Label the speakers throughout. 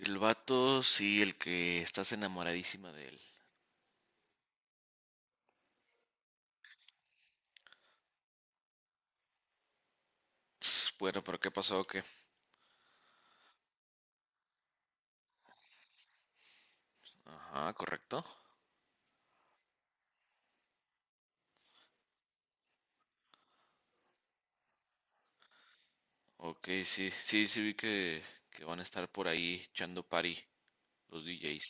Speaker 1: El vato, sí, el que estás enamoradísima de él. Ts, bueno, pero ¿qué pasó? ¿O qué? Ajá, correcto. Ok, sí, sí, sí vi que van a estar por ahí echando party los DJs.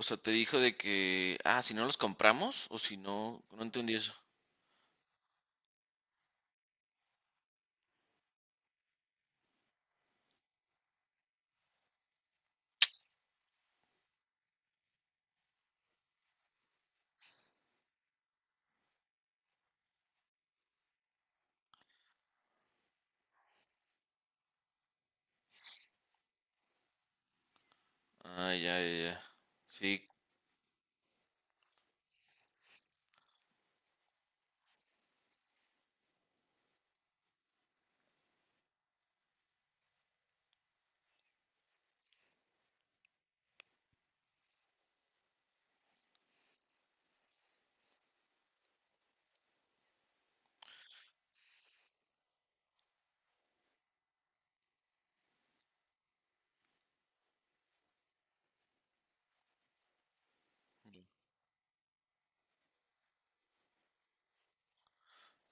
Speaker 1: O sea, te dijo de que, ah, si no los compramos o si no, no entendí eso. Ah, ya, ya, ya. Sí,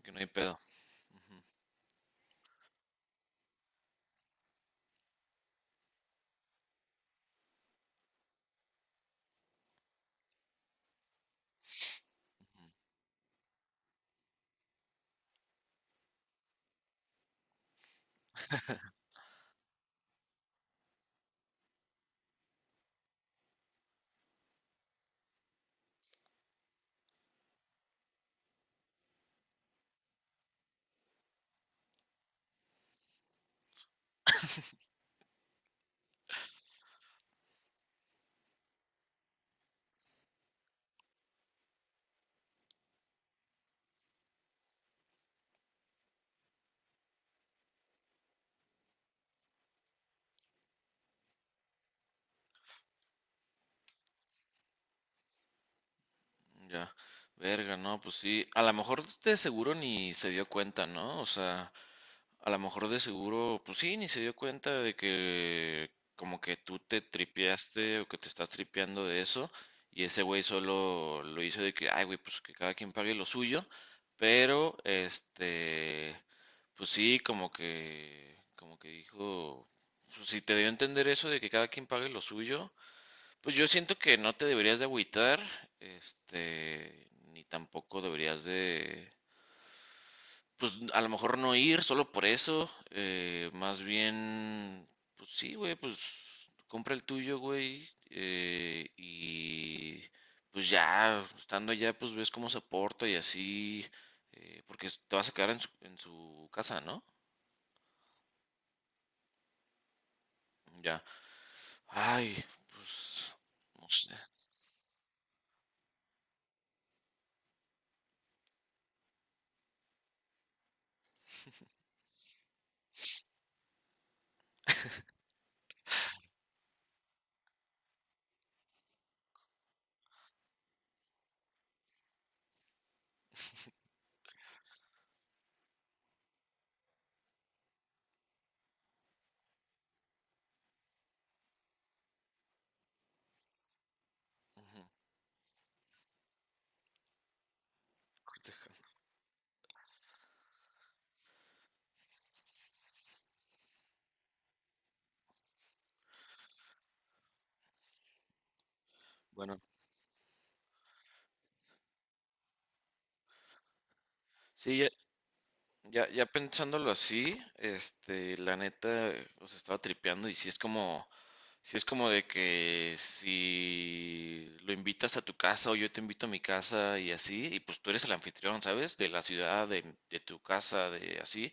Speaker 1: que no hay pedo. Ujú, ya. Verga, no, pues sí. A lo mejor de seguro ni se dio cuenta, ¿no? O sea. A lo mejor de seguro, pues sí, ni se dio cuenta de que como que tú te tripeaste o que te estás tripeando de eso, y ese güey solo lo hizo de que, ay, güey, pues que cada quien pague lo suyo, pero este, pues sí, como que dijo, pues, si te dio a entender eso de que cada quien pague lo suyo, pues yo siento que no te deberías de agüitar, este, ni tampoco deberías de pues, a lo mejor no ir solo por eso, más bien, pues sí, güey, pues compra el tuyo, güey, y pues ya, estando allá, pues ves cómo se porta y así, porque te vas a quedar en su casa, ¿no? Ya. Ay, pues, no sé. Ujú, cortejo. Bueno, sí, ya, ya, ya pensándolo así, este, la neta, o sea, estaba tripeando y sí es como... Si es como de que si lo invitas a tu casa o yo te invito a mi casa y así, y pues tú eres el anfitrión, ¿sabes? De la ciudad, de tu casa, de así,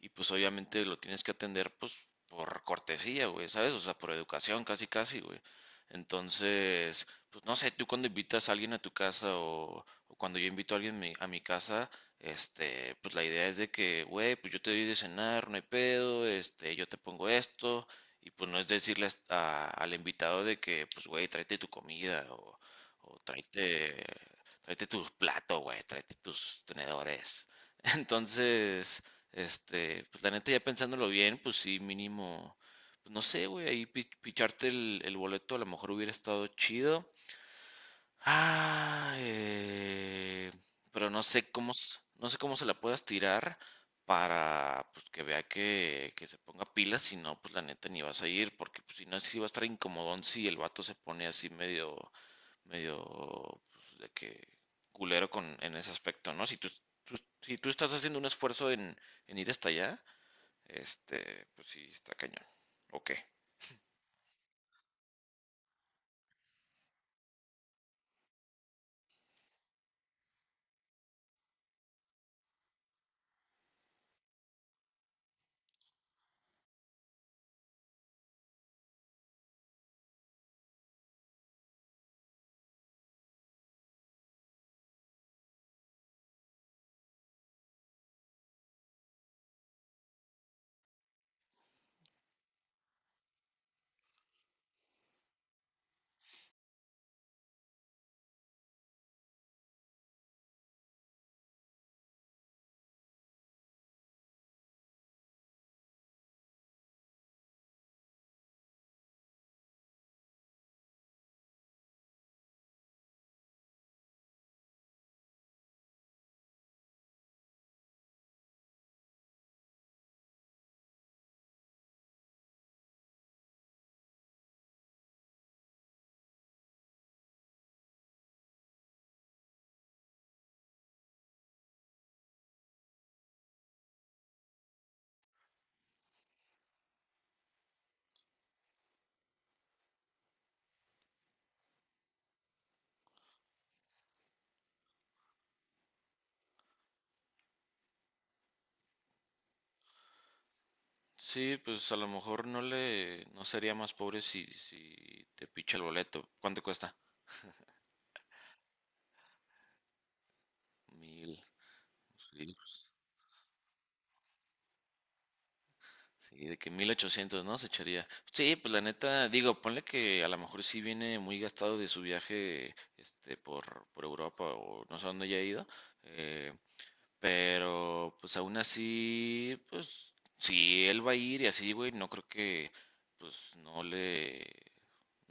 Speaker 1: y pues obviamente lo tienes que atender pues por cortesía, güey, ¿sabes? O sea, por educación, casi, casi, güey. Entonces, pues no sé, tú cuando invitas a alguien a tu casa o cuando yo invito a alguien mi- a mi casa, este, pues la idea es de que, güey, pues yo te doy de cenar, no hay pedo, este, yo te pongo esto. Y pues no es decirle as- a- al invitado de que, pues, güey, tráete tu comida o tráete, tráete tus platos, güey, tráete tus tenedores. Entonces, este, pues la neta ya pensándolo bien, pues sí, mínimo, pues no sé, güey, ahí pi- picharte el boleto a lo mejor hubiera estado chido. Ah, pero no sé cómo, s- no sé cómo se la puedas tirar para pues, que vea que se ponga pilas, si no, pues la neta ni vas a ir, porque pues, si no, sí va a estar incomodón si el vato se pone así medio, medio, pues, de que culero con, en ese aspecto, ¿no? Si tú, tú- si tú estás haciendo un esfuerzo en ir hasta allá, este, pues sí, está cañón. Ok. Sí, pues a lo mejor no le, no sería más pobre si, si te picha el boleto. ¿Cuánto cuesta? 1000, sí, pues, sí, de que 1800, ¿no? Se echaría. Sí, pues la neta, digo, ponle que a lo mejor sí viene muy gastado de su viaje, este, por Europa o no sé a dónde haya ido. Eh, pero, pues aún así, pues si él va a ir y así, güey, no creo que, pues no le,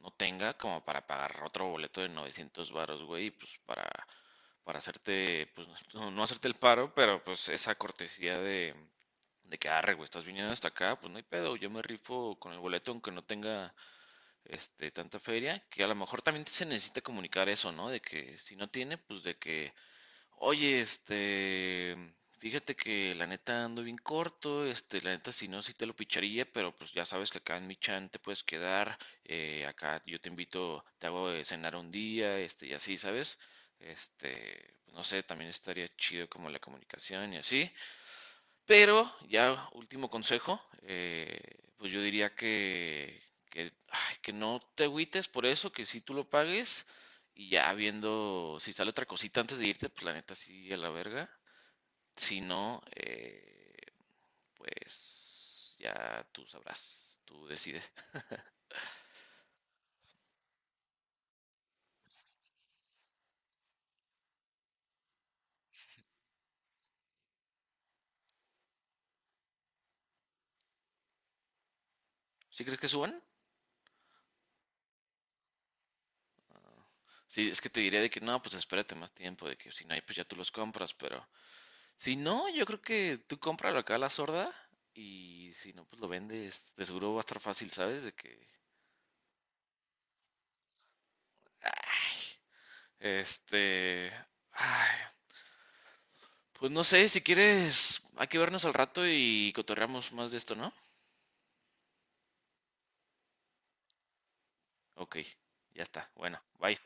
Speaker 1: no tenga como para pagar otro boleto de 900 varos, güey, pues para hacerte, pues no, no hacerte el paro, pero pues esa cortesía de que, arre, güey, estás viniendo hasta acá, pues no hay pedo, yo me rifo con el boleto aunque no tenga, este, tanta feria, que a lo mejor también se necesita comunicar eso, ¿no? De que si no tiene, pues de que oye, este, fíjate que la neta ando bien corto, este, la neta si no, sí te lo picharía, pero pues ya sabes que acá en mi chan te puedes quedar, acá yo te invito, te hago de cenar un día, este, y así, ¿sabes? Este, pues, no sé, también estaría chido como la comunicación y así. Pero ya último consejo, pues yo diría que, ay, que no te agüites por eso, que si tú lo pagues y ya viendo si sale otra cosita antes de irte, pues la neta sí a la verga. Si no, pues ya tú sabrás, tú decides. ¿Sí crees que suban? Sí, es que te diría de que no, pues espérate más tiempo, de que si no hay, pues ya tú los compras, pero si no, yo creo que tú cómpralo acá a la sorda y si no, pues lo vendes. De seguro va a estar fácil, ¿sabes? De que, este, ay, pues no sé, si quieres, hay que vernos al rato y cotorreamos más de esto, ¿no? Ok, ya está. Bueno, bye.